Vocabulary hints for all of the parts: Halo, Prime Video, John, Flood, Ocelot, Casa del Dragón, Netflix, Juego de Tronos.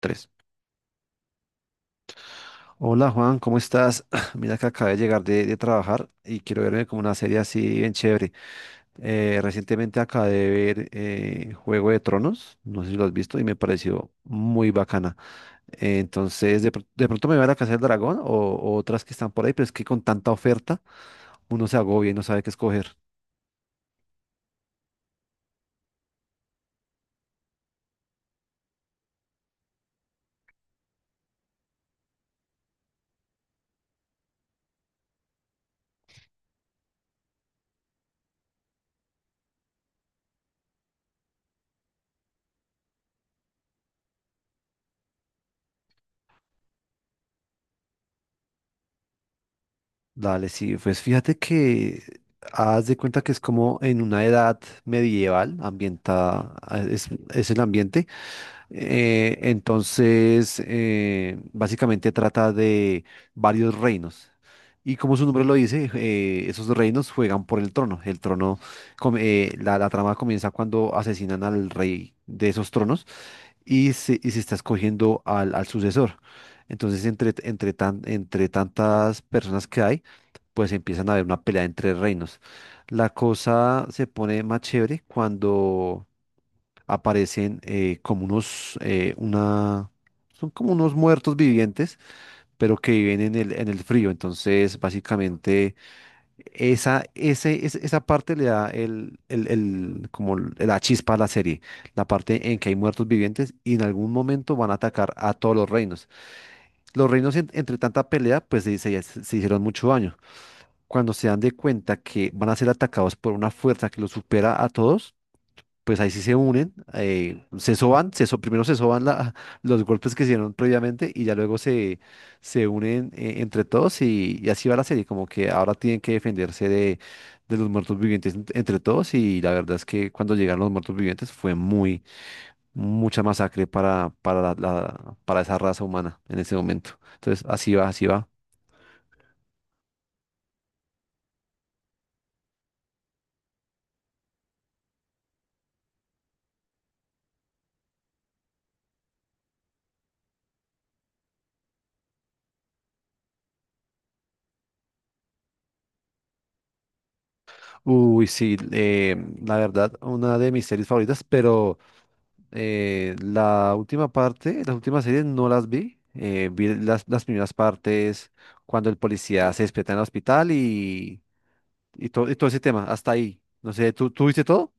Tres. Hola Juan, ¿cómo estás? Mira que acabé de llegar de trabajar y quiero verme como una serie así bien chévere. Recientemente acabé de ver Juego de Tronos, no sé si lo has visto, y me pareció muy bacana. Entonces, de pronto me va a la Casa del Dragón o otras que están por ahí, pero es que con tanta oferta uno se agobia y no sabe qué escoger. Dale, sí, pues fíjate que haz de cuenta que es como en una edad medieval, ambientada, es el ambiente. Básicamente trata de varios reinos. Y como su nombre lo dice, esos reinos juegan por el trono. El trono, la trama comienza cuando asesinan al rey de esos tronos y se está escogiendo al sucesor. Entonces, entre tantas personas que hay, pues empiezan a haber una pelea entre reinos. La cosa se pone más chévere cuando aparecen son como unos muertos vivientes, pero que viven en en el frío. Entonces, básicamente, esa parte le da la chispa a la serie, la parte en que hay muertos vivientes y en algún momento van a atacar a todos los reinos. Los reinos, entre tanta pelea, pues se hicieron mucho daño. Cuando se dan de cuenta que van a ser atacados por una fuerza que los supera a todos, pues ahí sí se unen, se soban, primero se soban los golpes que se dieron previamente y ya luego se unen entre todos y así va la serie, como que ahora tienen que defenderse de los muertos vivientes entre todos y la verdad es que cuando llegaron los muertos vivientes fue muy mucha masacre para esa raza humana en ese momento. Entonces, así va, así va. Uy, sí, la verdad, una de mis series favoritas, pero la última parte, las últimas series no las vi. Vi las primeras partes cuando el policía se despierta en el hospital y todo ese tema, hasta ahí. No sé, tú viste todo?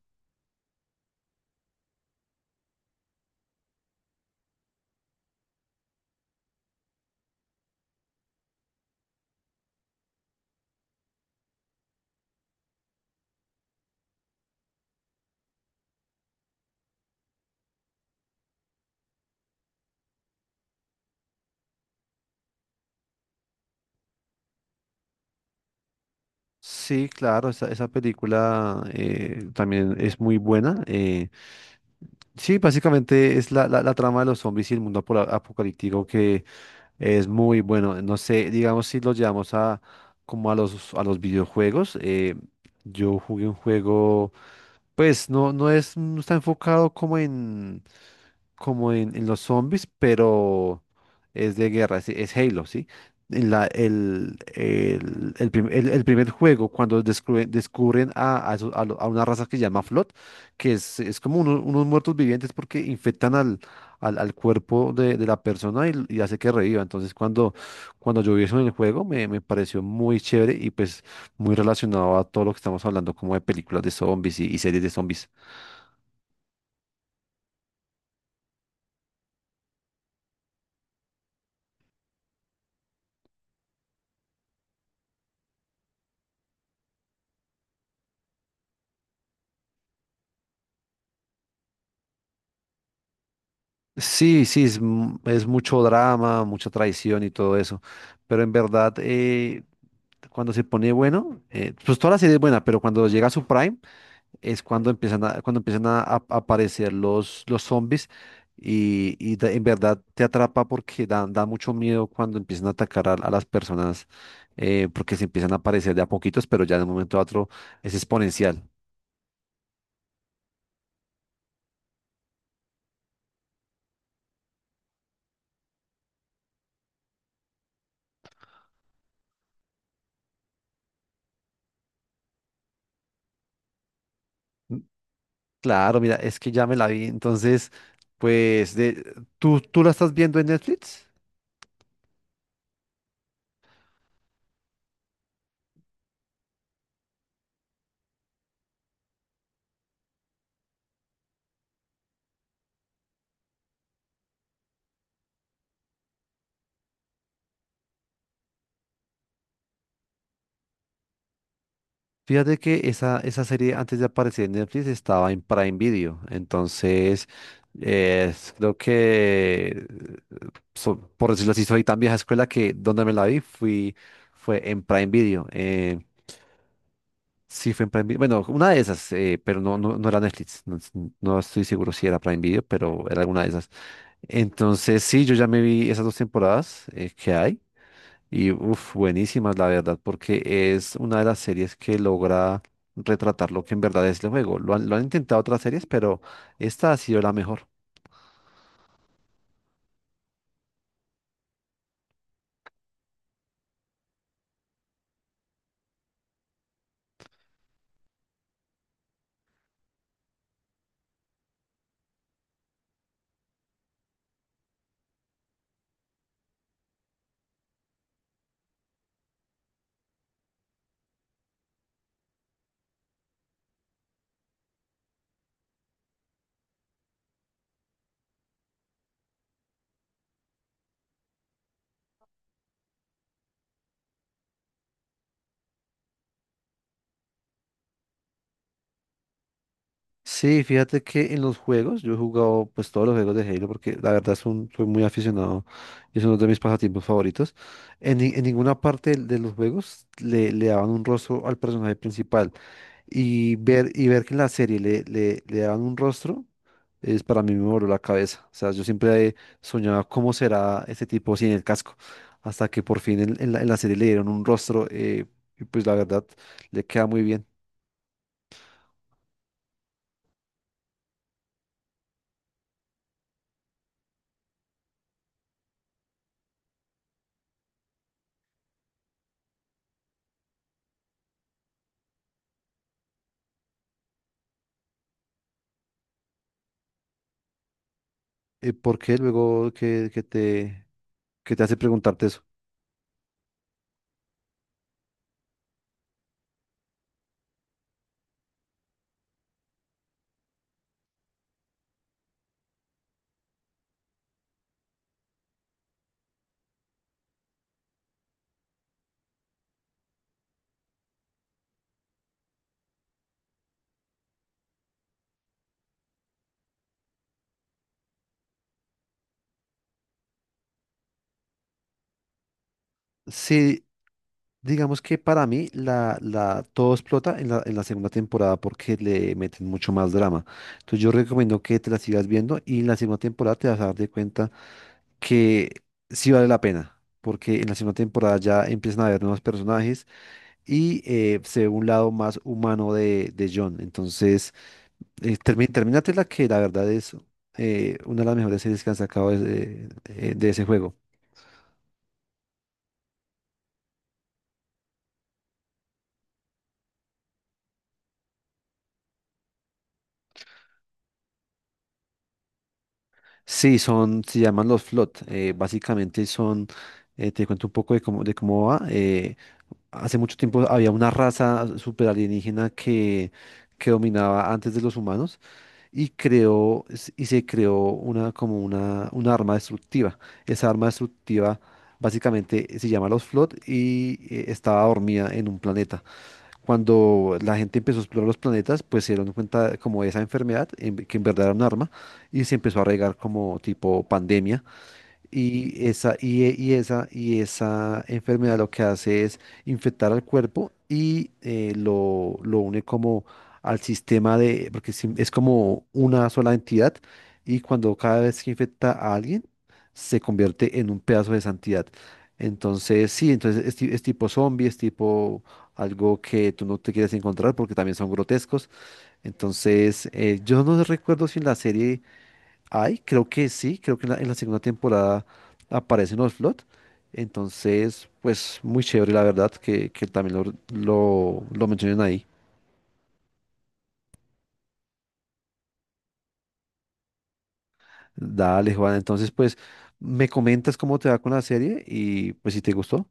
Sí, claro, esa película también es muy buena. Sí, básicamente es la trama de los zombies y el mundo apocalíptico que es muy bueno. No sé, digamos si lo llevamos a como a a los videojuegos. Yo jugué un juego. Pues no, no está enfocado en los zombies, pero es de guerra, es Halo, ¿sí? En la- el prim- el- El primer juego, cuando descubren a eso- a lo- a una raza que se llama Flood, que es como unos muertos vivientes porque infectan al cuerpo de la persona y hace que reviva. Entonces, cuando yo vi eso en el juego, me pareció muy chévere y pues muy relacionado a todo lo que estamos hablando, como de películas de zombies y series de zombies. Es mucho drama, mucha traición y todo eso. Pero en verdad, cuando se pone bueno, pues toda la serie es buena, pero cuando llega a su prime es cuando empiezan a aparecer los zombies en verdad te atrapa porque da, da mucho miedo cuando empiezan a atacar a las personas porque se empiezan a aparecer de a poquitos, pero ya de un momento a otro es exponencial. Claro, mira, es que ya me la vi. Entonces, pues, de, tú la estás viendo en Netflix? Fíjate que esa serie antes de aparecer en Netflix estaba en Prime Video. Entonces, eh, creo que, por decirlo así, soy tan vieja escuela que donde me la vi fue en Prime Video. Sí, fue en Prime Video. Bueno, una de esas, pero no, no era Netflix. No estoy seguro si era Prime Video, pero era alguna de esas. Entonces, sí, yo ya me vi esas dos temporadas que hay. Y uff, buenísimas, la verdad, porque es una de las series que logra retratar lo que en verdad es el juego. Lo han intentado otras series, pero esta ha sido la mejor. Sí, fíjate que en los juegos, yo he jugado pues todos los juegos de Halo porque la verdad es soy muy aficionado y es uno de mis pasatiempos favoritos. En, ni- En ninguna parte de los juegos le daban un rostro al personaje principal y ver que en la serie le daban un rostro. Es, para mí me voló la cabeza. O sea, yo siempre soñaba cómo será este tipo sin el casco hasta que por fin en la serie le dieron un rostro, y pues la verdad le queda muy bien. ¿Por qué luego que te hace preguntarte eso? Sí, digamos que para mí todo explota en en la segunda temporada porque le meten mucho más drama. Entonces yo recomiendo que te la sigas viendo y en la segunda temporada te vas a dar de cuenta que sí vale la pena. Porque en la segunda temporada ya empiezan a haber nuevos personajes y se ve un lado más humano de John. Entonces, terminate la que la verdad es una de las mejores series que han sacado de ese juego. Sí, son, se llaman los Flood. Te cuento un poco de cómo va. Hace mucho tiempo había una raza super alienígena que dominaba antes de los humanos y se creó una arma destructiva. Esa arma destructiva básicamente se llama los Flood y estaba dormida en un planeta. Cuando la gente empezó a explorar los planetas, pues se dieron cuenta como de esa enfermedad, que en verdad era un arma, y se empezó a regar como tipo pandemia y esa, y, e- y esa enfermedad lo que hace es infectar al cuerpo y lo une como al sistema de, porque es como una sola entidad y cuando cada vez que infecta a alguien se convierte en un pedazo de esa entidad. Entonces, sí, entonces es tipo zombie, es tipo algo que tú no te quieres encontrar porque también son grotescos. Entonces, yo no recuerdo si en la serie... Ay, creo que sí, creo que en en la segunda temporada aparece en Ocelot. Entonces, pues muy chévere, la verdad, que también lo mencionen ahí. Dale, Juan. Entonces, pues me comentas cómo te va con la serie y pues si te gustó.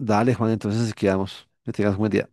Dale, Juan. Entonces, así quedamos. Que tengas un buen día.